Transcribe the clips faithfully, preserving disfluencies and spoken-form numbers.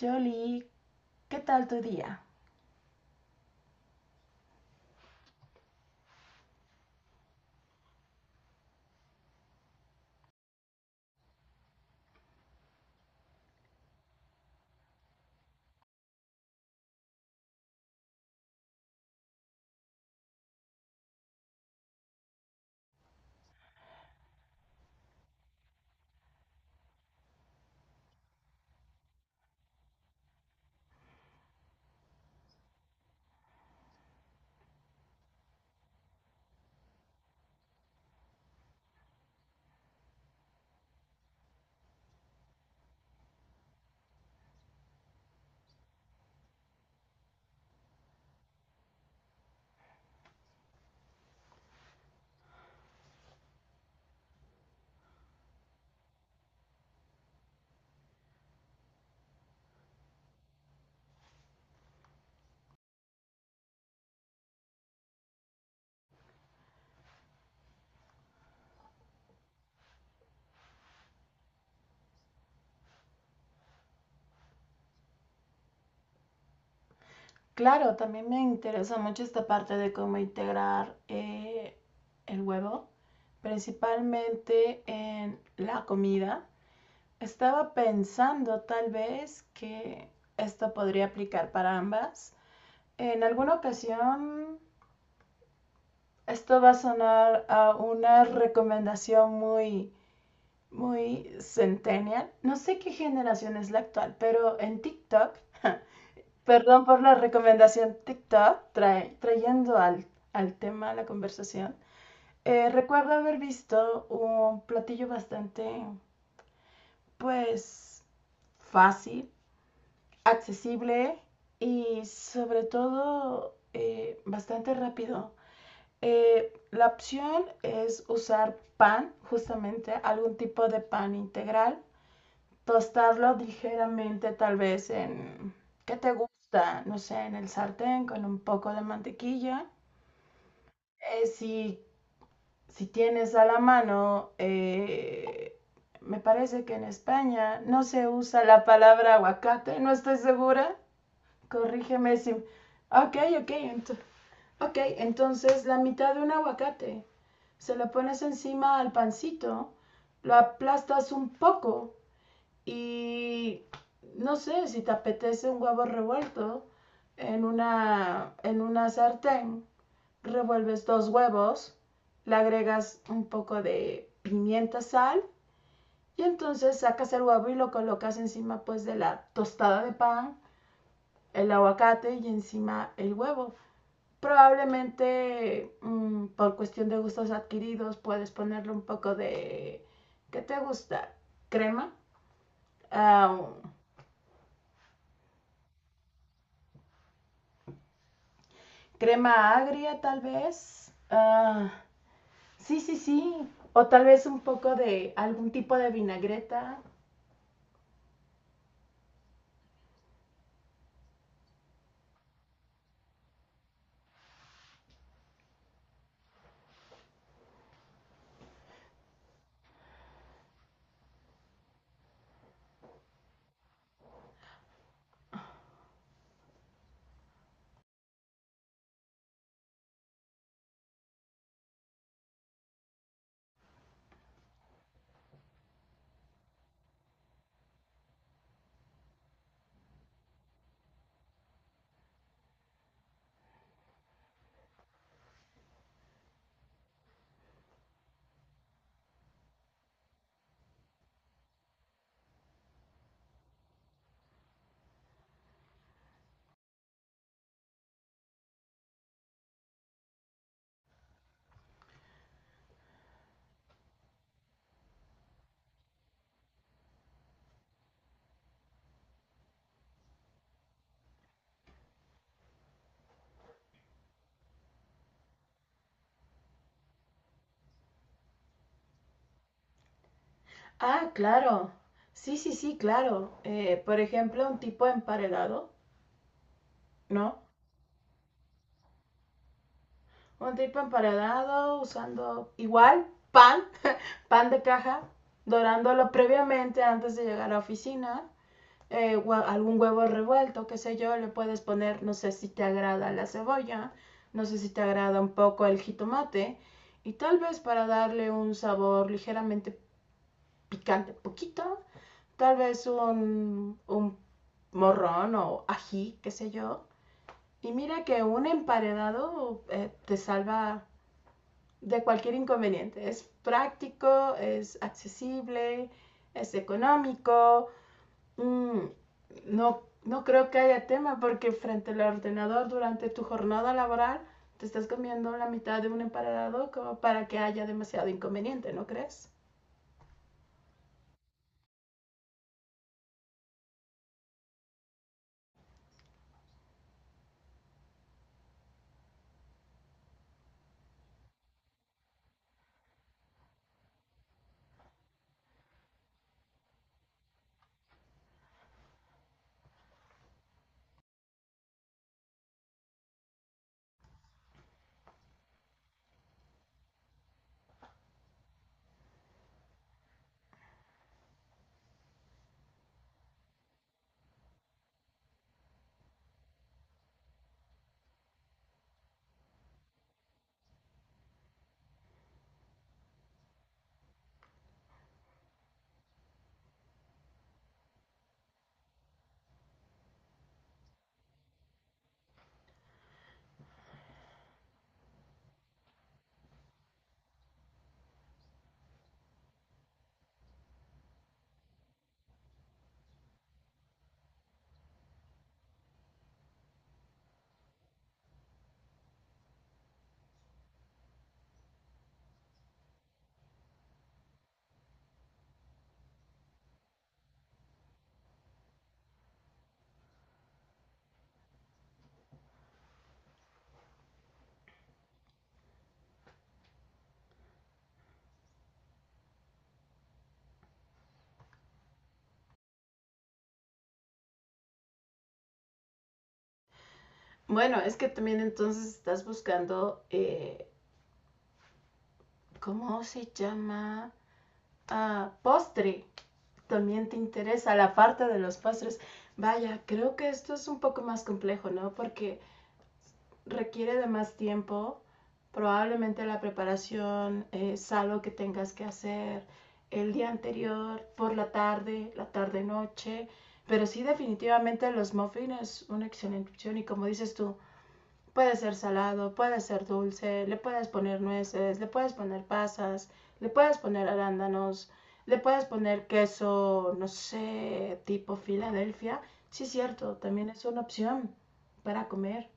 Jolie, ¿qué tal tu día? Claro, también me interesa mucho esta parte de cómo integrar eh, el huevo, principalmente en la comida. Estaba pensando tal vez que esto podría aplicar para ambas. En alguna ocasión, esto va a sonar a una recomendación muy, muy centennial. No sé qué generación es la actual, pero en TikTok. Perdón por la recomendación TikTok, trae- trayendo al, al tema la conversación. Eh, recuerdo haber visto un platillo bastante, pues, fácil, accesible y sobre todo eh, bastante rápido. Eh, la opción es usar pan, justamente algún tipo de pan integral, tostarlo ligeramente tal vez en, ¿qué te gusta? No sé, en el sartén con un poco de mantequilla. Eh, si, si tienes a la mano, eh, me parece que en España no se usa la palabra aguacate, no estoy segura. Corrígeme si... Ok, ok, ent ok, entonces la mitad de un aguacate. Se lo pones encima al pancito, lo aplastas un poco y no sé, si te apetece un huevo revuelto en una, en una sartén, revuelves dos huevos, le agregas un poco de pimienta, sal, y entonces sacas el huevo y lo colocas encima pues de la tostada de pan, el aguacate y encima el huevo. Probablemente mm, por cuestión de gustos adquiridos puedes ponerle un poco de, ¿qué te gusta? Crema. Ah, crema agria tal vez. Ah, sí, sí, sí. O tal vez un poco de algún tipo de vinagreta. Ah, claro. Sí, sí, sí, claro. Eh, por ejemplo, un tipo emparedado, ¿no? Un tipo emparedado usando igual pan, pan de caja, dorándolo previamente antes de llegar a la oficina. eh, Algún huevo revuelto, qué sé yo, le puedes poner, no sé si te agrada la cebolla, no sé si te agrada un poco el jitomate y tal vez para darle un sabor ligeramente picante, poquito, tal vez un, un morrón o ají, qué sé yo. Y mira que un emparedado eh, te salva de cualquier inconveniente. Es práctico, es accesible, es económico. Mm, no, no creo que haya tema porque frente al ordenador durante tu jornada laboral te estás comiendo la mitad de un emparado como para que haya demasiado inconveniente, ¿no crees? Bueno, es que también entonces estás buscando, eh, ¿cómo se llama? Ah, postre. También te interesa la parte de los postres. Vaya, creo que esto es un poco más complejo, ¿no? Porque requiere de más tiempo, probablemente la preparación es algo que tengas que hacer el día anterior, por la tarde, la tarde-noche, pero sí, definitivamente los muffins es una excelente opción y como dices tú, puede ser salado, puede ser dulce, le puedes poner nueces, le puedes poner pasas, le puedes poner arándanos, le puedes poner queso, no sé, tipo Filadelfia. Sí, cierto, también es una opción para comer.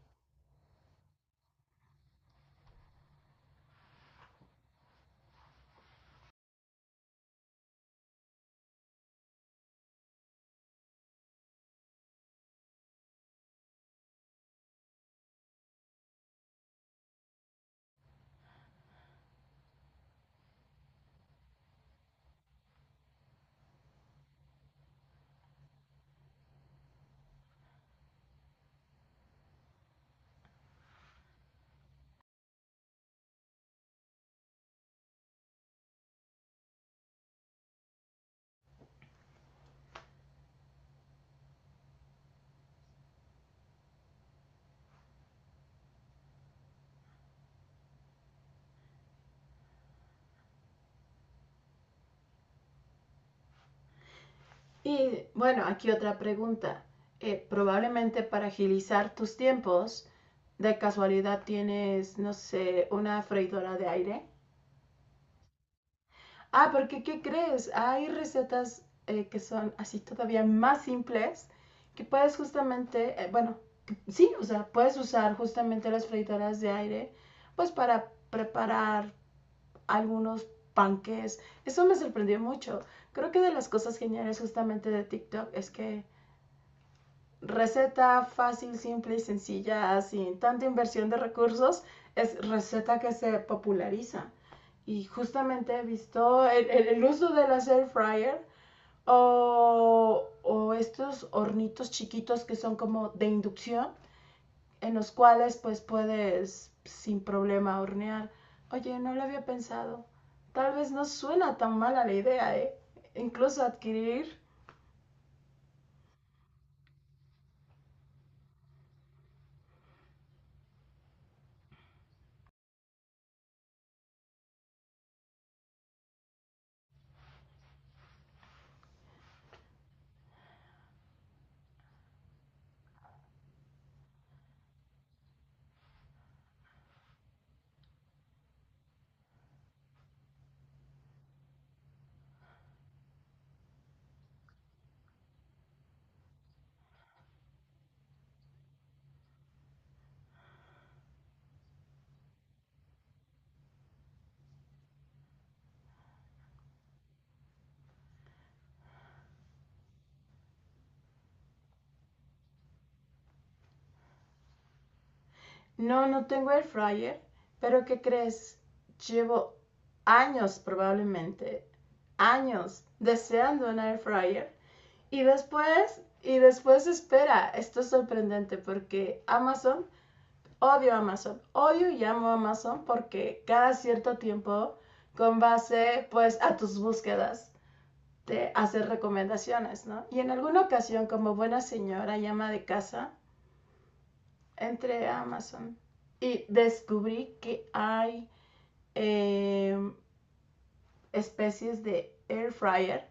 Y bueno, aquí otra pregunta. Eh, probablemente para agilizar tus tiempos, de casualidad tienes, no sé, una freidora de aire. Ah, porque ¿qué crees? Hay recetas eh, que son así todavía más simples, que puedes justamente, eh, bueno, que- sí, o sea, puedes usar justamente las freidoras de aire pues para preparar algunos panques. Eso me sorprendió mucho. Creo que de las cosas geniales justamente de TikTok es que receta fácil, simple y sencilla, sin tanta inversión de recursos, es receta que se populariza. Y justamente he visto el, el- el uso de las air fryer o, o estos hornitos chiquitos que son como de inducción, en los cuales pues puedes sin problema hornear. Oye, no lo había pensado. Tal vez no suena tan mala la idea, ¿eh? Incluso adquirir... No, no tengo air fryer, pero ¿qué crees? Llevo años probablemente, años deseando un air fryer y después y después espera, esto es sorprendente porque Amazon, odio Amazon, odio y amo Amazon porque cada cierto tiempo con base pues a tus búsquedas te hace recomendaciones, ¿no? Y en alguna ocasión como buena señora y ama de casa, entré a Amazon y descubrí que hay eh, especies de air fryer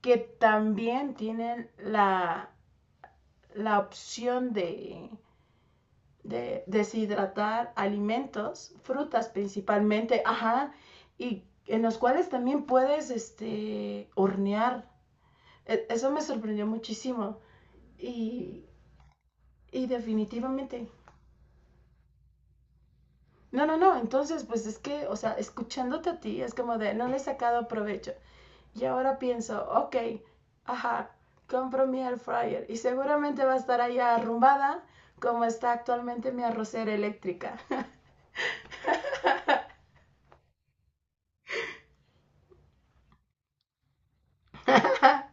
que también tienen la, la opción de, de deshidratar alimentos, frutas principalmente, ajá, y en los cuales también puedes este, hornear. E- Eso me sorprendió muchísimo. Y, y definitivamente... No, no, no, entonces pues es que, o sea, escuchándote a ti es como de, no le he sacado provecho. Y ahora pienso, ok, ajá, compro mi air fryer y seguramente va a estar allá arrumbada como está actualmente mi arrocera eléctrica.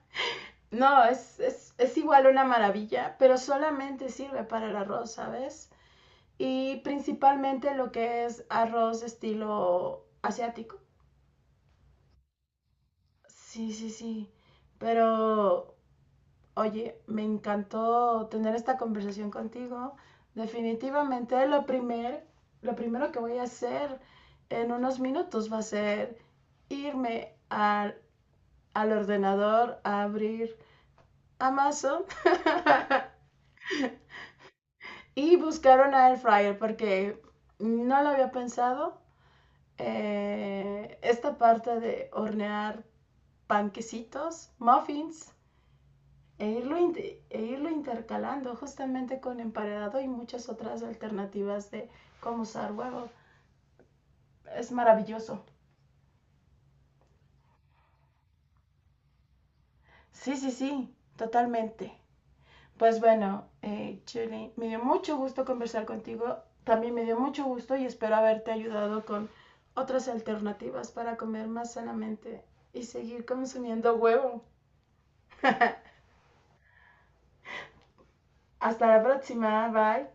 No, es, es, es igual una maravilla, pero solamente sirve para el arroz, ¿sabes? Y principalmente lo que es arroz estilo asiático. Sí, sí, sí, pero oye, me encantó tener esta conversación contigo. Definitivamente lo primer, lo primero que voy a hacer en unos minutos va a ser irme al, al ordenador a abrir Amazon y buscar una air fryer porque no lo había pensado. Eh, esta parte de hornear panquecitos, muffins, e irlo, e irlo intercalando justamente con emparedado y muchas otras alternativas de cómo usar huevo. Es maravilloso. Sí, sí, sí, totalmente. Pues bueno, eh, Julie, me dio mucho gusto conversar contigo. También me dio mucho gusto y espero haberte ayudado con otras alternativas para comer más sanamente y seguir consumiendo huevo. Hasta la próxima, bye.